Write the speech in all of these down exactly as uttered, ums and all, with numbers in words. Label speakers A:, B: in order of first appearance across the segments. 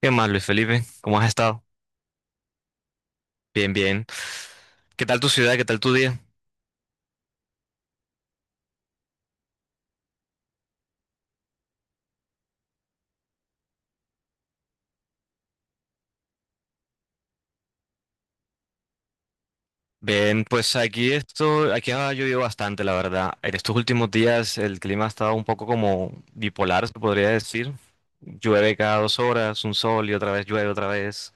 A: ¿Qué más, Luis Felipe? ¿Cómo has estado? Bien, bien. ¿Qué tal tu ciudad? ¿Qué tal tu día? Bien, pues aquí esto, aquí ha llovido bastante, la verdad. En estos últimos días el clima ha estado un poco como bipolar, se podría decir. Llueve cada dos horas, un sol y otra vez llueve otra vez.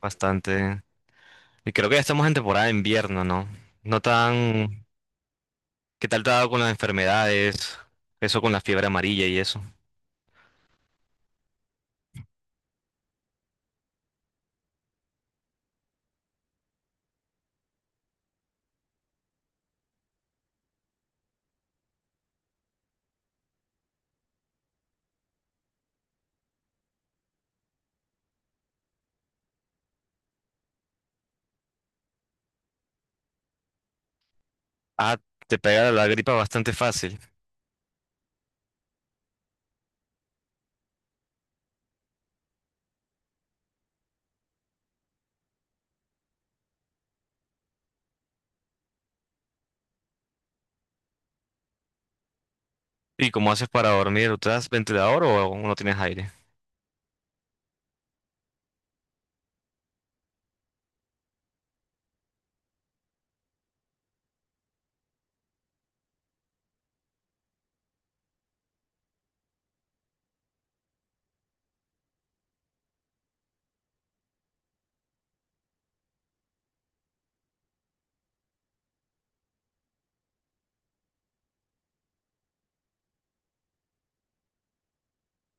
A: Bastante. Y creo que ya estamos en temporada de invierno, ¿no? No tan. ¿Qué tal te ha dado con las enfermedades? Eso con la fiebre amarilla y eso. Ah, te pega la gripa bastante fácil. ¿Y cómo haces para dormir? ¿Usas ventilador o aún no tienes aire?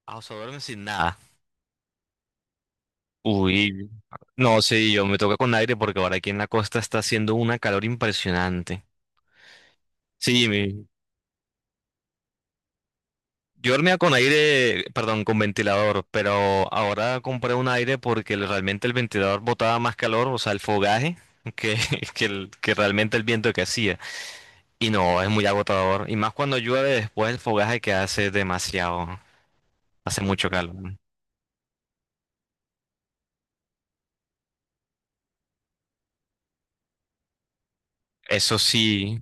A: Ah, o sea, duermes sin nada. Uy, no, sí, yo me toca con aire porque ahora aquí en la costa está haciendo una calor impresionante. Sí, mi- yo dormía con aire, perdón, con ventilador, pero ahora compré un aire porque el- realmente el ventilador botaba más calor, o sea, el fogaje, que, que, el- que realmente el viento que hacía. Y no, es muy agotador. Y más cuando llueve después el fogaje que hace demasiado, hace mucho calor. Eso sí.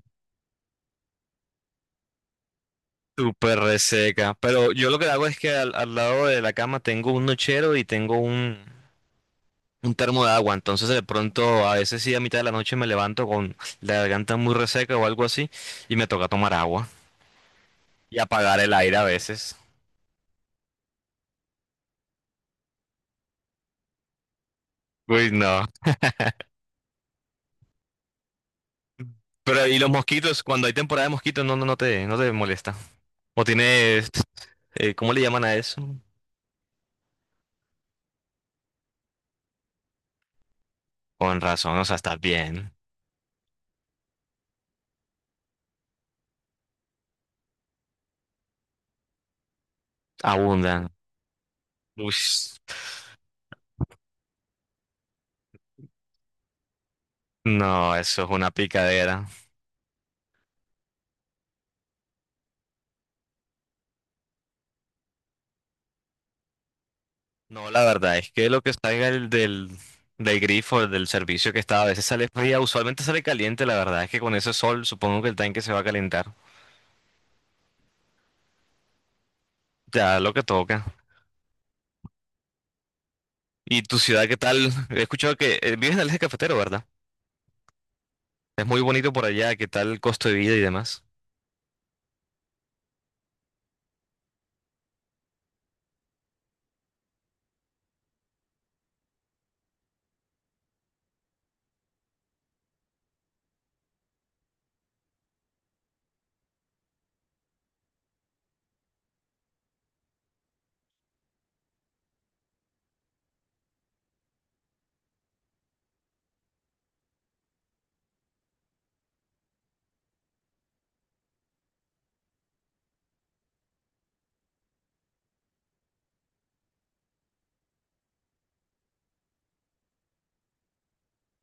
A: Súper reseca. Pero yo lo que hago es que al, al lado de la cama tengo un nochero y tengo un, un termo de agua. Entonces de pronto a veces sí a mitad de la noche me levanto con la garganta muy reseca o algo así y me toca tomar agua y apagar el aire a veces. Uy, no. Pero y los mosquitos, cuando hay temporada de mosquitos, no, no, no te, no te molesta. O tienes, eh, ¿cómo le llaman a eso? Con razón, o sea, estás bien. Abundan. Uy, no, eso es una picadera. No, la verdad es que lo que salga del, del, del grifo, del servicio que está, a veces sale fría, usualmente sale caliente, la verdad es que con ese sol supongo que el tanque se va a calentar. Ya lo que toca. ¿Y tu ciudad qué tal? He escuchado que eh, vives en el eje cafetero, ¿verdad? Es muy bonito por allá, ¿qué tal el costo de vida y demás?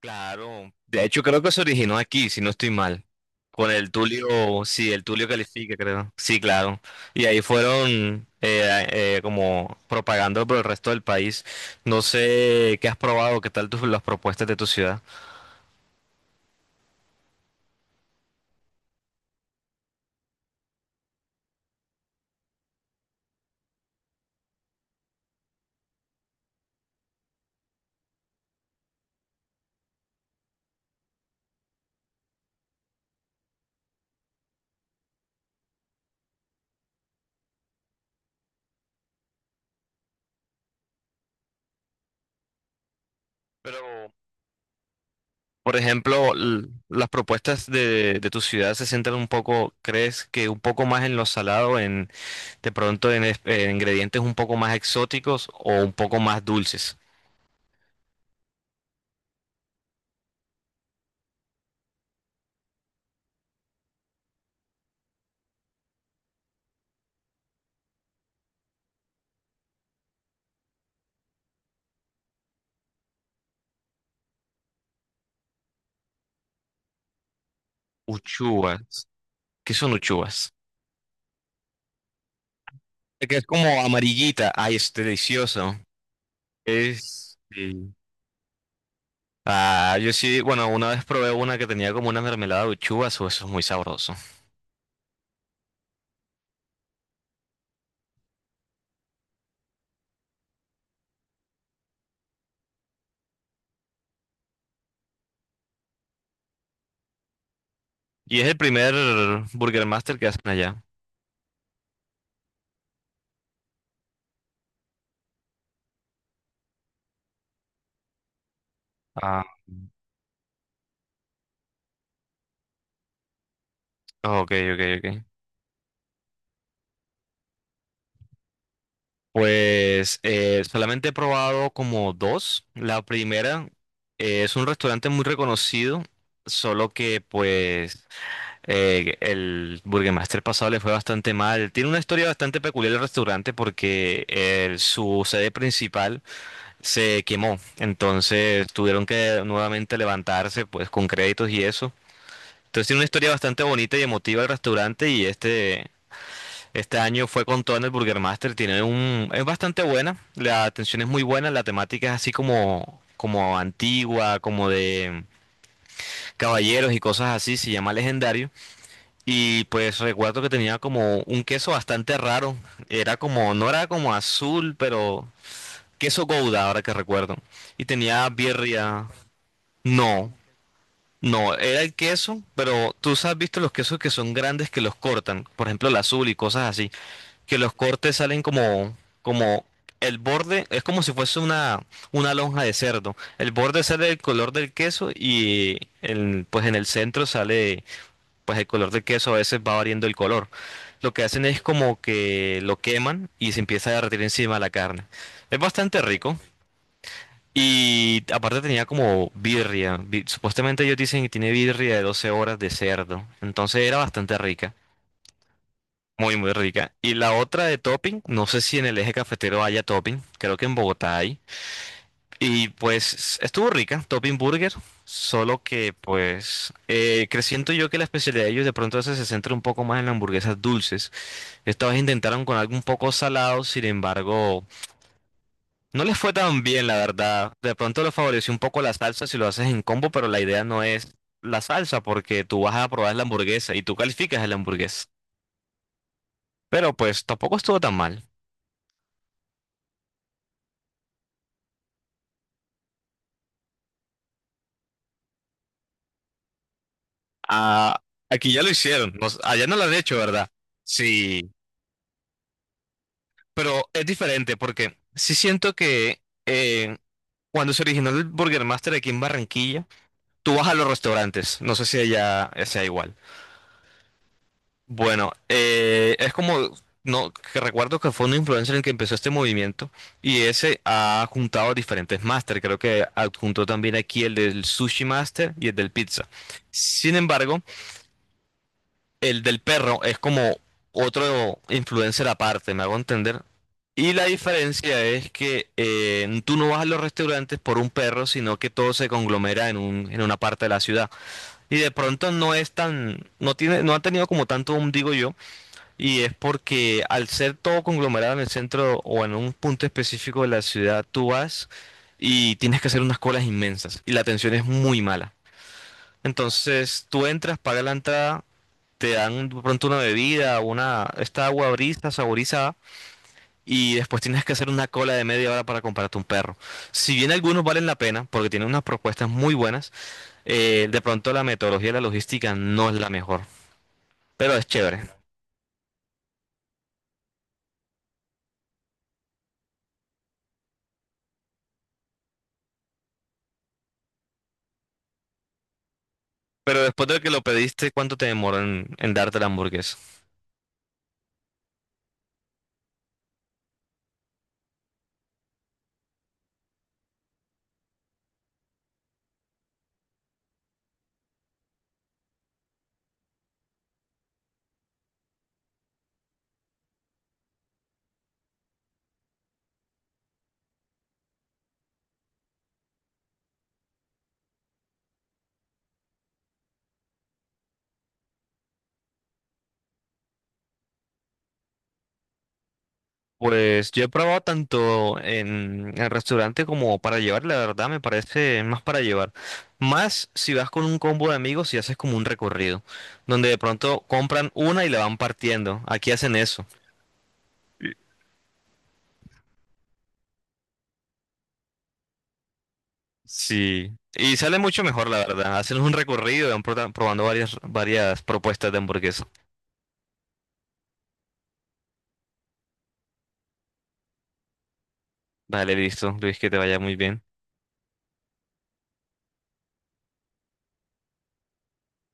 A: Claro. De hecho, creo que se originó aquí, si no estoy mal. Con el Tulio, sí, el Tulio califica, creo. Sí, claro. Y ahí fueron eh, eh, como propagando por el resto del país. No sé qué has probado, qué tal tus, las propuestas de tu ciudad. Pero, por ejemplo, l- las propuestas de, de tu ciudad se centran un poco, ¿crees que un poco más en lo salado, en de pronto en, es- en ingredientes un poco más exóticos o un poco más dulces? Uchuvas. ¿Qué son uchuvas? Este que es como amarillita. Ay, es delicioso. Es. Sí. Ah, yo sí, bueno, una vez probé una que tenía como una mermelada de uchuvas, eso es muy sabroso. Y es el primer Burger Master que hacen allá. Ah, ok, ok, ok. Pues eh, solamente he probado como dos. La primera eh, es un restaurante muy reconocido, solo que pues Eh, el Burgermeister pasado le fue bastante mal. Tiene una historia bastante peculiar el restaurante porque eh, su sede principal se quemó. Entonces tuvieron que nuevamente levantarse pues con créditos y eso. Entonces tiene una historia bastante bonita y emotiva el restaurante y este, este año fue con todo en el Burgermeister. Tiene un, es bastante buena, la atención es muy buena, la temática es así como, como antigua, como de caballeros y cosas así, se llama Legendario. Y pues recuerdo que tenía como un queso bastante raro. Era como, no era como azul, pero queso Gouda, ahora que recuerdo. Y tenía birria. No, no, era el queso, pero tú has visto los quesos que son grandes que los cortan. Por ejemplo, el azul y cosas así. Que los cortes salen como, como el borde, es como si fuese una, una lonja de cerdo. El borde sale del color del queso y el, pues en el centro sale pues el color del queso a veces va variando el color. Lo que hacen es como que lo queman y se empieza a derretir encima la carne. Es bastante rico. Y aparte tenía como birria. bi- Supuestamente ellos dicen que tiene birria de doce horas de cerdo. Entonces era bastante rica. Muy, muy rica. Y la otra de topping, no sé si en el eje cafetero haya topping. Creo que en Bogotá hay. Y pues estuvo rica, Topping Burger, solo que pues eh, cre- siento yo que la especialidad de ellos de pronto se se centra un poco más en las hamburguesas dulces. Esta vez intentaron con algo un poco salado, sin embargo, no les fue tan bien, la verdad. De pronto les favoreció un poco la salsa si lo haces en combo, pero la idea no es la salsa porque tú vas a probar la hamburguesa y tú calificas la hamburguesa. Pero pues tampoco estuvo tan mal. Ah, aquí ya lo hicieron, no s- allá no lo han hecho, ¿verdad? Sí. Pero es diferente porque sí siento que eh, cuando se originó el Burger Master aquí en Barranquilla, tú vas a los restaurantes, no sé si allá sea igual. Bueno, eh, es como, no, que recuerdo que fue un influencer el que empezó este movimiento y ese ha juntado diferentes máster, creo que adjuntó también aquí el del Sushi Master y el del Pizza. Sin embargo, el del perro es como otro influencer aparte, me hago entender. Y la diferencia es que eh, tú no vas a los restaurantes por un perro, sino que todo se conglomera en un, en una parte de la ciudad. Y de pronto no es tan, no tiene, no ha tenido como tanto boom, digo yo, y es porque al ser todo conglomerado en el centro o en un punto específico de la ciudad, tú vas y tienes que hacer unas colas inmensas y la atención es muy mala. Entonces tú entras, pagas la entrada te dan de pronto una bebida, una, esta agua brisa saborizada, y después tienes que hacer una cola de media hora para comprarte un perro. Si bien algunos valen la pena, porque tienen unas propuestas muy buenas, eh, de pronto la metodología y la logística no es la mejor, pero es chévere. Pero después de que lo pediste, ¿cuánto te demoró en, en darte la hamburguesa? Pues yo he probado tanto en el restaurante como para llevar, la verdad me parece más para llevar. Más si vas con un combo de amigos y haces como un recorrido, donde de pronto compran una y la van partiendo. Aquí hacen eso. Sí. Y sale mucho mejor, la verdad. Hacen un recorrido y van prota- probando varias, varias propuestas de hamburguesa. Vale, listo, Luis, que te vaya muy bien.